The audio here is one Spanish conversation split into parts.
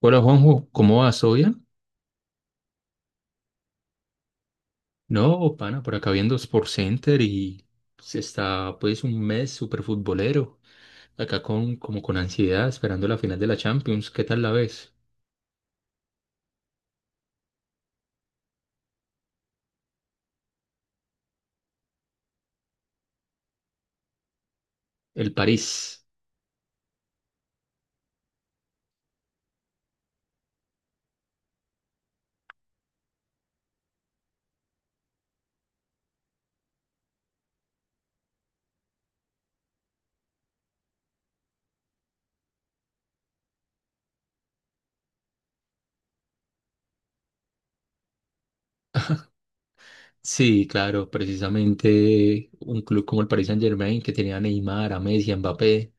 Hola Juanjo, ¿cómo vas? ¿Todo bien? No, pana, por acá viendo Sport Center y se está pues un mes súper futbolero, acá con como con ansiedad esperando la final de la Champions, ¿qué tal la ves? El París. Sí, claro, precisamente un club como el Paris Saint-Germain que tenía a Neymar, a Messi, a Mbappé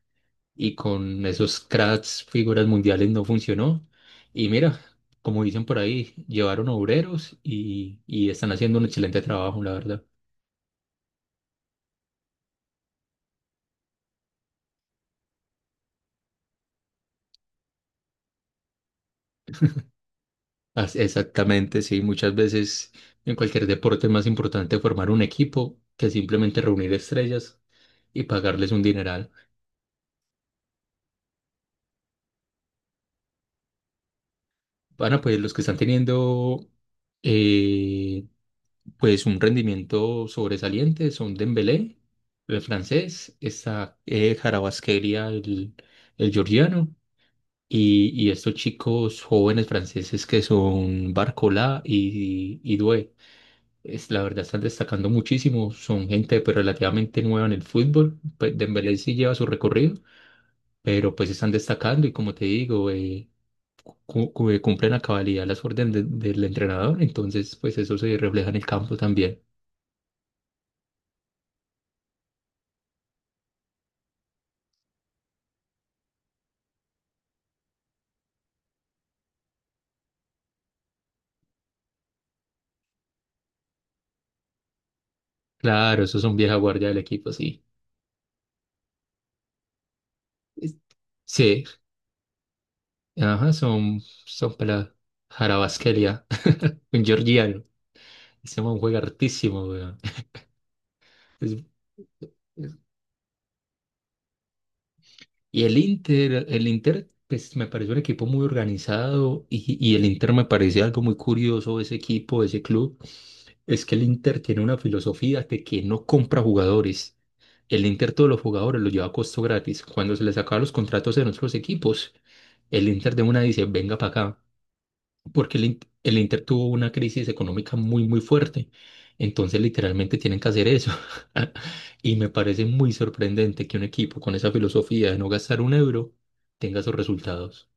y con esos cracks, figuras mundiales no funcionó. Y mira, como dicen por ahí, llevaron obreros y están haciendo un excelente trabajo, la verdad. Exactamente, sí. Muchas veces en cualquier deporte es más importante formar un equipo que simplemente reunir estrellas y pagarles un dineral. Bueno, pues los que están teniendo eh, pues un rendimiento sobresaliente son Dembélé, el francés, está Kvaratskhelia, el georgiano, y estos chicos jóvenes franceses que son Barcola y Doué. Es, la verdad están destacando muchísimo, son gente pues relativamente nueva en el fútbol, pues Dembélé sí lleva su recorrido, pero pues están destacando y como te digo, cumplen a cabalidad las órdenes del entrenador, entonces pues eso se refleja en el campo también. Claro, esos son vieja guardia del equipo, sí. Es- Sí, ajá, son, son para Jarabasquelia, un georgiano, ese man juega hartísimo, weón. Y el Inter, pues me pareció un equipo muy organizado y el Inter me parecía algo muy curioso, ese equipo, ese club, es que el Inter tiene una filosofía de que no compra jugadores. El Inter todos los jugadores los lleva a costo gratis. Cuando se les acaban los contratos en otros equipos, el Inter de una dice, venga para acá porque el Inter tuvo una crisis económica muy, muy fuerte. Entonces, literalmente tienen que hacer eso. Y me parece muy sorprendente que un equipo con esa filosofía de no gastar un euro tenga esos resultados.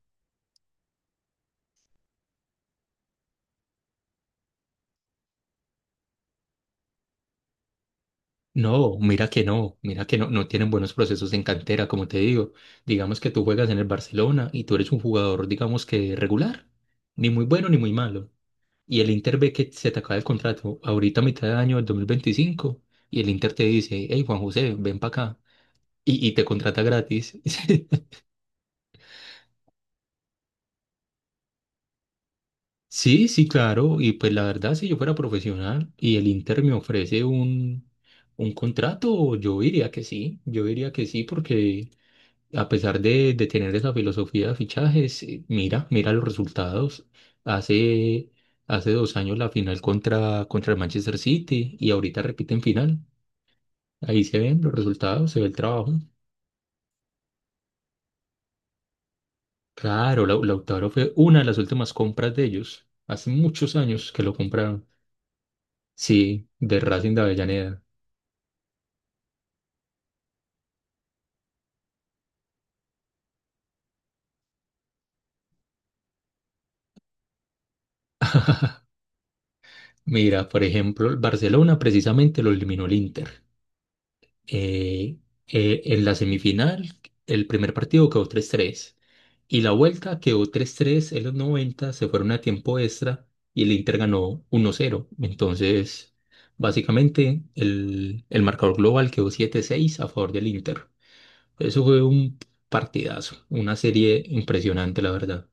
No, mira que no, mira que no, no tienen buenos procesos en cantera, como te digo. Digamos que tú juegas en el Barcelona y tú eres un jugador, digamos que regular, ni muy bueno ni muy malo. Y el Inter ve que se te acaba el contrato ahorita a mitad de año del 2025 y el Inter te dice, hey Juan José, ven para acá. Y te contrata gratis. Sí, sí, claro. Y pues la verdad, si yo fuera profesional y el Inter me ofrece un contrato, yo diría que sí. Yo diría que sí, porque a pesar de tener esa filosofía de fichajes, mira, mira los resultados. Hace, hace 2 años la final contra el Manchester City y ahorita repiten final. Ahí se ven los resultados, se ve el trabajo. Claro, Lautaro fue una de las últimas compras de ellos. Hace muchos años que lo compraron. Sí, de Racing de Avellaneda. Mira, por ejemplo, el Barcelona precisamente lo eliminó el Inter. Eh, en la semifinal, el primer partido quedó 3-3 y la vuelta quedó 3-3. En los 90 se fueron a tiempo extra y el Inter ganó 1-0. Entonces, básicamente, el marcador global quedó 7-6 a favor del Inter. Eso fue un partidazo, una serie impresionante, la verdad.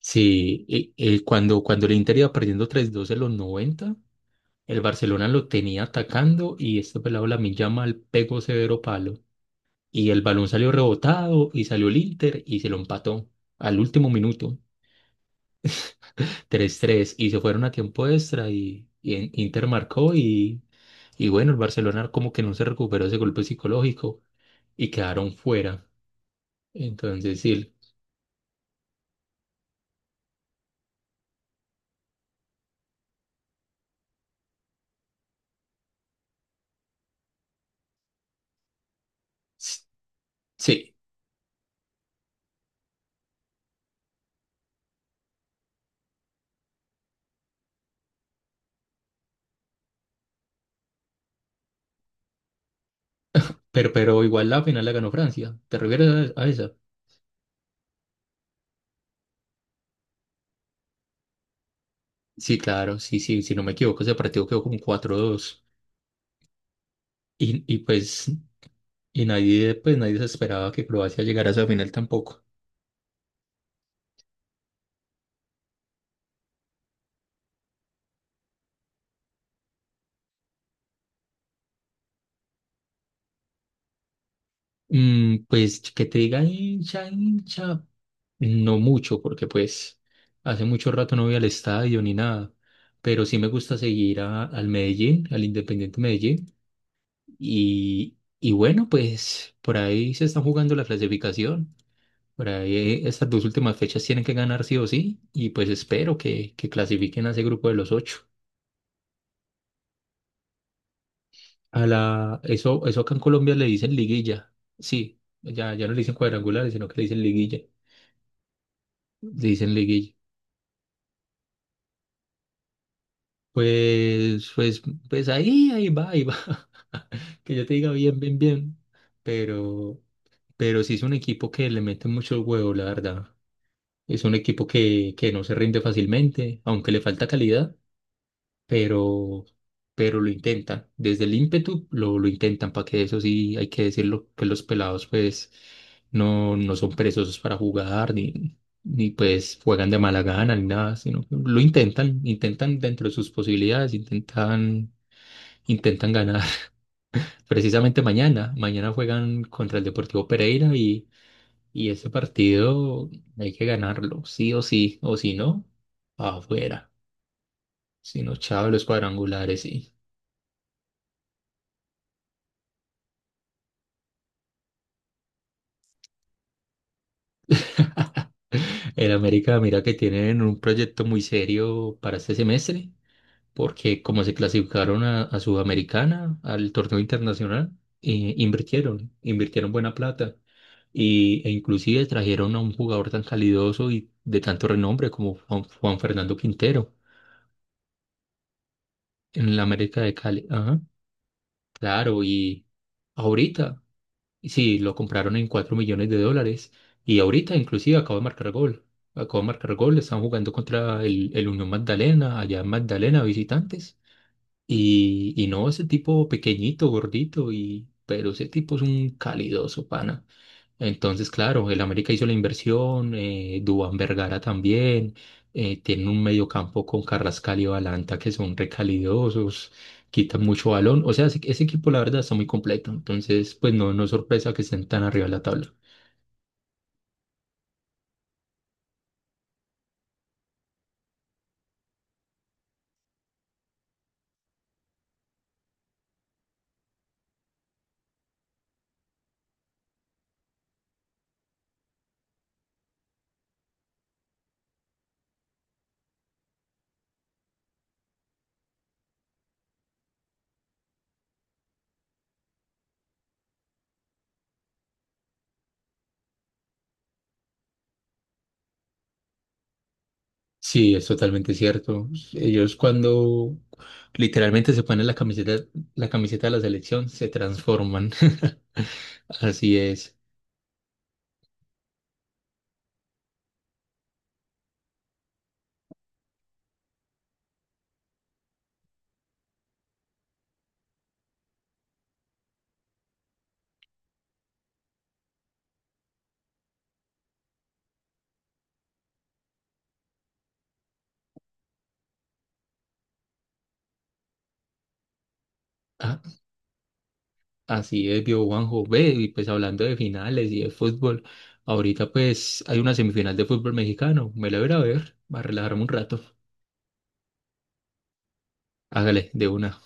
Sí, y cuando, cuando el Inter iba perdiendo 3-2 en los 90, el Barcelona lo tenía atacando y este pelado Lamine Yamal pegó severo palo. Y el balón salió rebotado y salió el Inter y se lo empató al último minuto, 3-3 y se fueron a tiempo extra y Inter marcó y bueno, el Barcelona como que no se recuperó ese golpe psicológico y quedaron fuera. Entonces sí, el- sí, pero igual la final la ganó Francia. ¿Te refieres a esa? Sí, claro, sí, sí, si no me equivoco, ese partido quedó como 4-2. Y, y pues, y nadie, pues nadie se esperaba que Croacia llegara a esa final tampoco. Mm, pues que te diga hincha, hincha, no mucho, porque pues hace mucho rato no voy al estadio ni nada. Pero sí me gusta seguir al Medellín, al Independiente Medellín. Y bueno, pues por ahí se están jugando la clasificación. Por ahí estas dos últimas fechas tienen que ganar sí o sí y pues espero que clasifiquen a ese grupo de los ocho. A la, eso acá en Colombia le dicen liguilla. Sí, ya, ya no le dicen cuadrangulares, sino que le dicen liguilla. Le dicen liguilla. Pues, pues, pues ahí, ahí va, ahí va. Que yo te diga bien, bien, bien. Pero, pero sí es un equipo que le mete mucho huevo, la verdad. Es un equipo que no se rinde fácilmente, aunque le falta calidad pero, pero lo intentan. Desde el ímpetu lo intentan, para que eso sí hay que decirlo, que los pelados pues no, no son perezosos para jugar, ni, ni pues juegan de mala gana, ni nada, sino que lo intentan, intentan dentro de sus posibilidades, intentan, intentan ganar. Precisamente mañana, mañana juegan contra el Deportivo Pereira y ese partido hay que ganarlo, sí o sí, o si no, afuera. Si no, chao, los cuadrangulares, sí. En América, mira que tienen un proyecto muy serio para este semestre, porque como se clasificaron a Sudamericana, al torneo internacional, invirtieron, invirtieron buena plata y, e inclusive trajeron a un jugador tan calidoso y de tanto renombre como Juan, Juan Fernando Quintero en la América de Cali. Ajá, claro, y ahorita. Sí, lo compraron en 4 millones de dólares y ahorita inclusive acaba de marcar gol. Acaba de marcar gol, están jugando contra el Unión Magdalena, allá en Magdalena, visitantes. Y no, ese tipo pequeñito, gordito, y, pero ese tipo es un calidoso, pana. Entonces, claro, el América hizo la inversión, Duván Vergara también, tienen un mediocampo con Carrascal y Balanta que son recalidosos, quitan mucho balón, o sea, ese equipo la verdad está muy completo, entonces pues no, no es sorpresa que estén tan arriba de la tabla. Sí, es totalmente cierto. Ellos cuando literalmente se ponen la camiseta de la selección, se transforman. Así es. Así es, vio Juanjo. Ve, y pues hablando de finales y de fútbol, ahorita pues hay una semifinal de fútbol mexicano. Me la voy a ir a ver, va a relajarme un rato. Hágale, de una.